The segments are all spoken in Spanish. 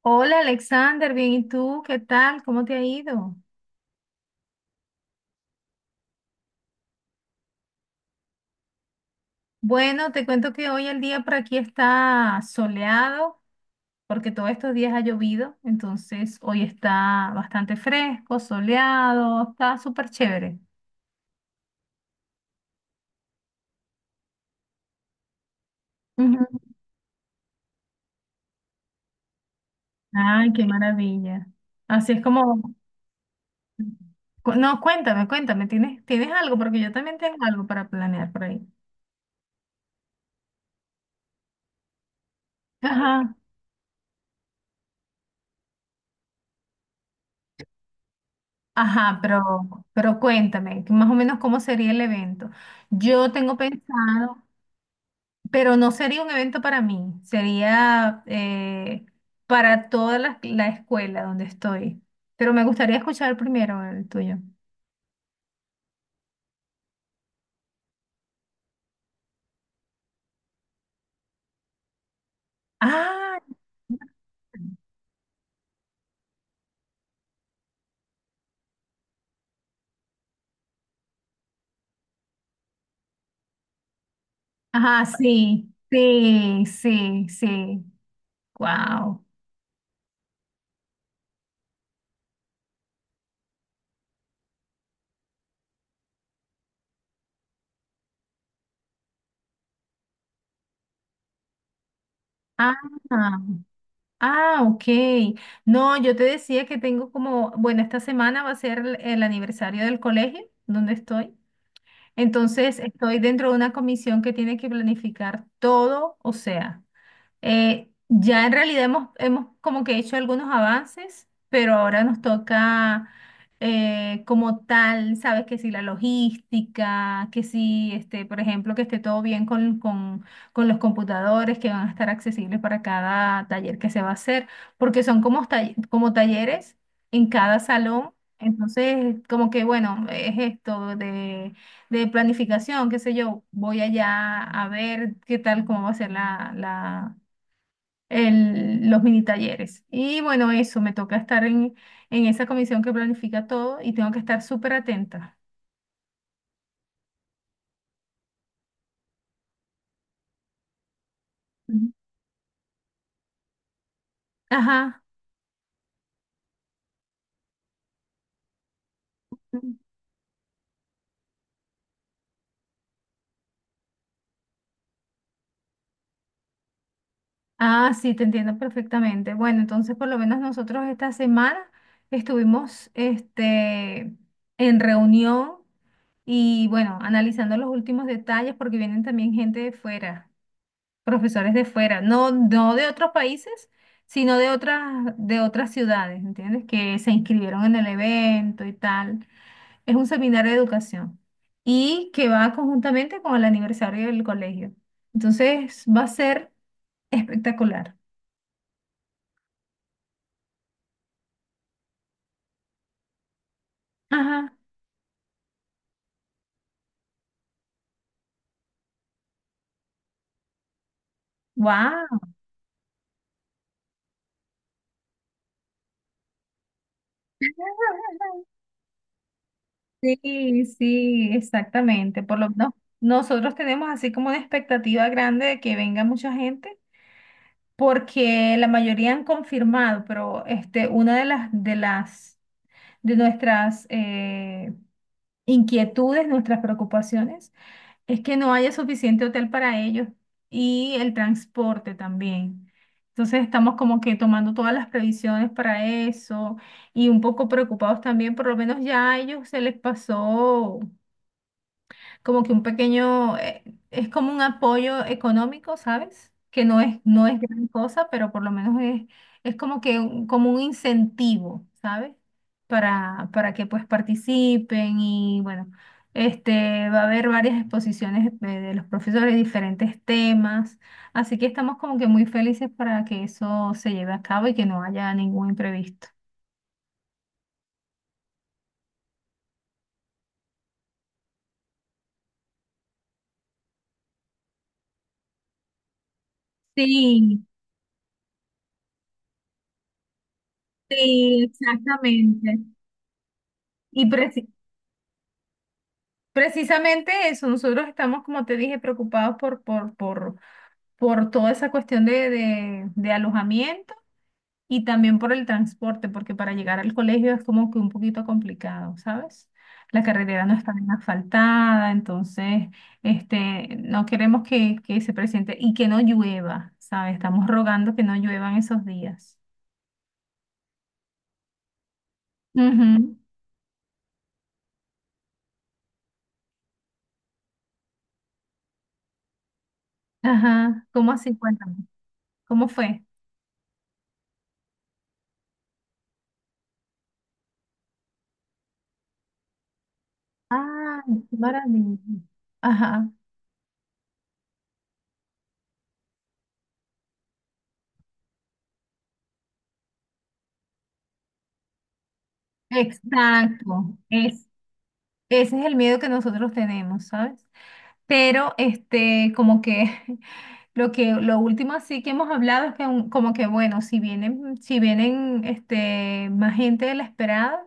Hola Alexander, bien, ¿y tú qué tal? ¿Cómo te ha ido? Bueno, te cuento que hoy el día por aquí está soleado porque todos estos días ha llovido, entonces hoy está bastante fresco, soleado, está súper chévere. Ujú. Ay, qué maravilla. Así es como... No, cuéntame, ¿tienes algo? Porque yo también tengo algo para planear por ahí. Ajá. Ajá, pero cuéntame, que más o menos cómo sería el evento. Yo tengo pensado, pero no sería un evento para mí, sería para toda la escuela donde estoy. Pero me gustaría escuchar primero el tuyo. Ah, ajá, sí, sí, sí, sí. Wow. Ah, ah, ok. No, yo te decía que tengo como, bueno, esta semana va a ser el aniversario del colegio donde estoy. Entonces, estoy dentro de una comisión que tiene que planificar todo, o sea, ya en realidad hemos como que hecho algunos avances, pero ahora nos toca como tal, sabes que si la logística, que si, este, por ejemplo, que esté todo bien con los computadores que van a estar accesibles para cada taller que se va a hacer, porque son como, como talleres en cada salón. Entonces, como que bueno, es esto de planificación, qué sé yo, voy allá a ver qué tal, cómo va a ser los mini talleres. Y bueno, eso, me toca estar en esa comisión que planifica todo y tengo que estar súper atenta. Ujú. Ajá. Ujú. Ah, sí, te entiendo perfectamente. Bueno, entonces por lo menos nosotros esta semana estuvimos este, en reunión y bueno, analizando los últimos detalles porque vienen también gente de fuera. Profesores de fuera, no de otros países, sino de otras ciudades, ¿entiendes? Que se inscribieron en el evento y tal. Es un seminario de educación y que va conjuntamente con el aniversario del colegio. Entonces va a ser espectacular. Ajá. Wow. Sí, sí, exactamente. Por lo menos nosotros tenemos así como una expectativa grande de que venga mucha gente, porque la mayoría han confirmado, pero este, una de las de las de nuestras inquietudes, nuestras preocupaciones, es que no haya suficiente hotel para ellos y el transporte también. Entonces estamos como que tomando todas las previsiones para eso y un poco preocupados también. Por lo menos ya a ellos se les pasó como que un pequeño, es como un apoyo económico, ¿sabes? Que no es gran cosa, pero por lo menos es como que como un incentivo, ¿sabes? Para que pues participen y bueno, este, va a haber varias exposiciones de los profesores, diferentes temas, así que estamos como que muy felices para que eso se lleve a cabo y que no haya ningún imprevisto. Sí, sí, exactamente. Y preci- Precisamente eso, nosotros estamos, como te dije, preocupados por toda esa cuestión de alojamiento y también por el transporte, porque para llegar al colegio es como que un poquito complicado, ¿sabes? La carretera no está bien asfaltada, entonces este, no queremos que se presente y que no llueva, ¿sabes? Estamos rogando que no lluevan esos días. Ujú. Ajá, ¿cómo así? Cuéntame, ¿cómo fue? Ah, qué maravilla. Ajá. Exacto, es, ese es el miedo que nosotros tenemos, ¿sabes? Pero este, como que lo que lo último así que hemos hablado es que como que bueno, si vienen este más gente de la esperada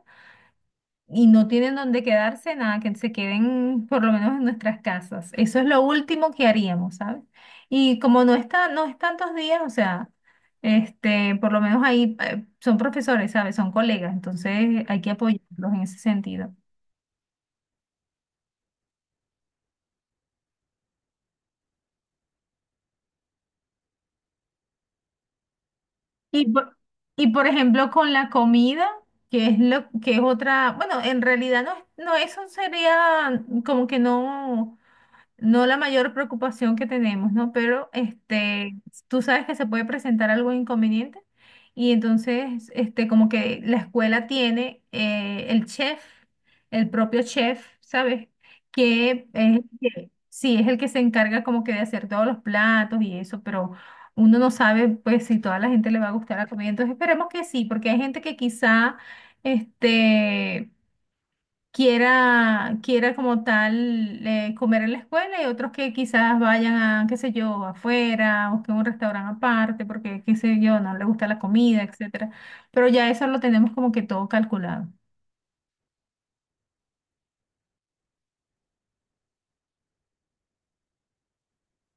y no tienen dónde quedarse, nada, que se queden por lo menos en nuestras casas. Eso es lo último que haríamos, ¿sabes? Y como no está, no es tantos días, o sea, este, por lo menos ahí son profesores, ¿sabes? Son colegas, entonces hay que apoyarlos en ese sentido. Y por, y por ejemplo con la comida, que es lo que es otra, bueno, en realidad no, no eso sería como que no no la mayor preocupación que tenemos, ¿no? Pero este, tú sabes que se puede presentar algo inconveniente y entonces, este, como que la escuela tiene el chef, el propio chef, ¿sabes? Que es, que, sí, es el que se encarga como que de hacer todos los platos y eso, pero uno no sabe, pues, si toda la gente le va a gustar la comida. Entonces, esperemos que sí, porque hay gente que quizá, este quiera como tal comer en la escuela y otros que quizás vayan a, qué sé yo, afuera o que un restaurante aparte porque, qué sé yo, no le gusta la comida, etcétera. Pero ya eso lo tenemos como que todo calculado.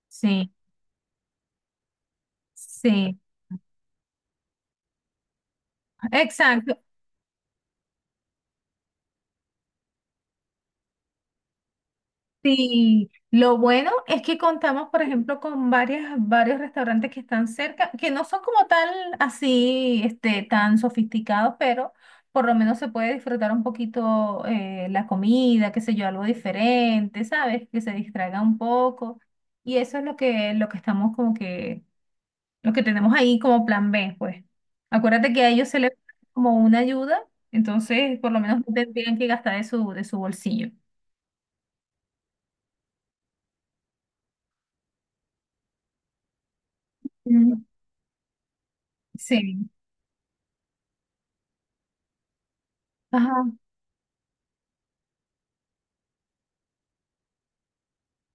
Sí, sí, exacto. Sí, lo bueno es que contamos, por ejemplo, con varias, varios restaurantes que están cerca, que no son como tal así, este, tan sofisticados, pero por lo menos se puede disfrutar un poquito la comida, qué sé yo, algo diferente, ¿sabes? Que se distraiga un poco. Y eso es lo que estamos como que, lo que tenemos ahí como plan B, pues. Acuérdate que a ellos se les da como una ayuda, entonces por lo menos no tendrían que gastar de su bolsillo. Mm. Sí. Ajá.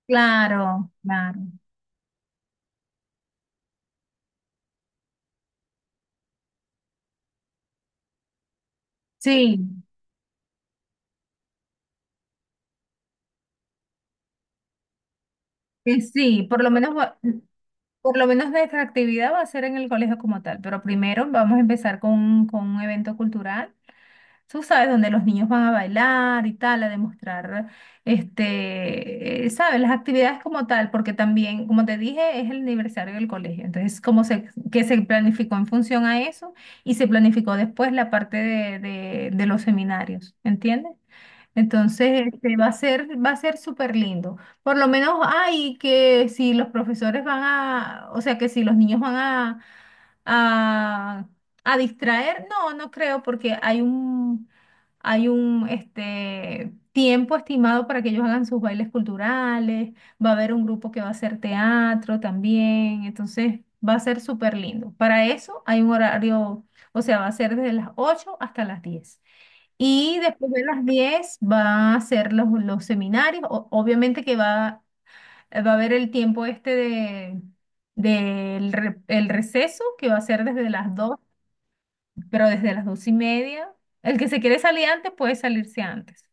Claro, claro. Sí, que sí, por lo menos nuestra actividad va a ser en el colegio como tal, pero primero vamos a empezar con un evento cultural, tú sabes, donde los niños van a bailar y tal, a demostrar, este, sabes, las actividades como tal, porque también, como te dije, es el aniversario del colegio, entonces, que se planificó en función a eso y se planificó después la parte de los seminarios, ¿entiendes? Entonces, este, va a ser súper lindo. Por lo menos hay que si los profesores van a, o sea, que si los niños van a, a distraer, no, no creo, porque hay un, este, tiempo estimado para que ellos hagan sus bailes culturales, va a haber un grupo que va a hacer teatro también, entonces va a ser súper lindo. Para eso hay un horario, o sea, va a ser desde las 8 hasta las 10. Y después de las 10 va a hacer los seminarios. Obviamente que va, va a haber el tiempo este el receso, que va a ser desde las 2, pero desde las 2 y media. El que se quiere salir antes puede salirse antes.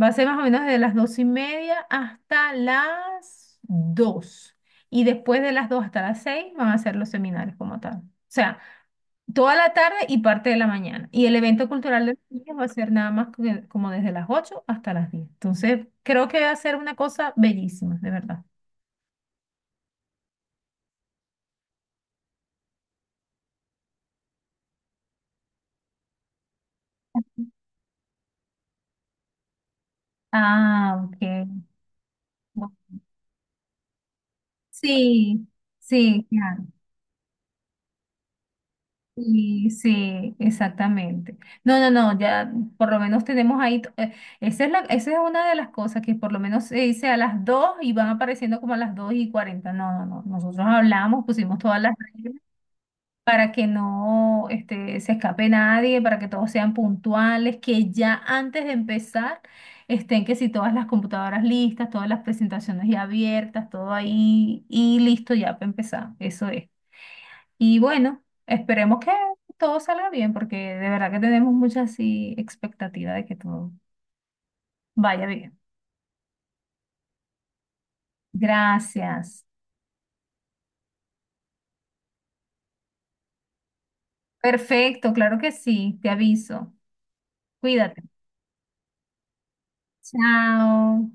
Va a ser más o menos desde las 2 y media hasta las dos. Y después de las 2 hasta las 6 van a hacer los seminarios como tal. O sea, toda la tarde y parte de la mañana. Y el evento cultural de los niños va a ser nada más como desde las 8 hasta las 10. Entonces, creo que va a ser una cosa bellísima, de verdad. Ah, ok. Bu- Sí, sí, claro. Y sí, exactamente. No, no, no, ya por lo menos tenemos ahí, esa es la, esa es una de las cosas que por lo menos se dice a las 2 y van apareciendo como a las 2 y 40. No, no, no, nosotros hablamos, pusimos todas las... Para que no este, se escape nadie, para que todos sean puntuales, que ya antes de empezar estén que si todas las computadoras listas, todas las presentaciones ya abiertas, todo ahí y listo ya para empezar, eso es. Y bueno, esperemos que todo salga bien porque de verdad que tenemos mucha así expectativa de que todo vaya bien. Gracias. Perfecto, claro que sí, te aviso. Cuídate. Chao.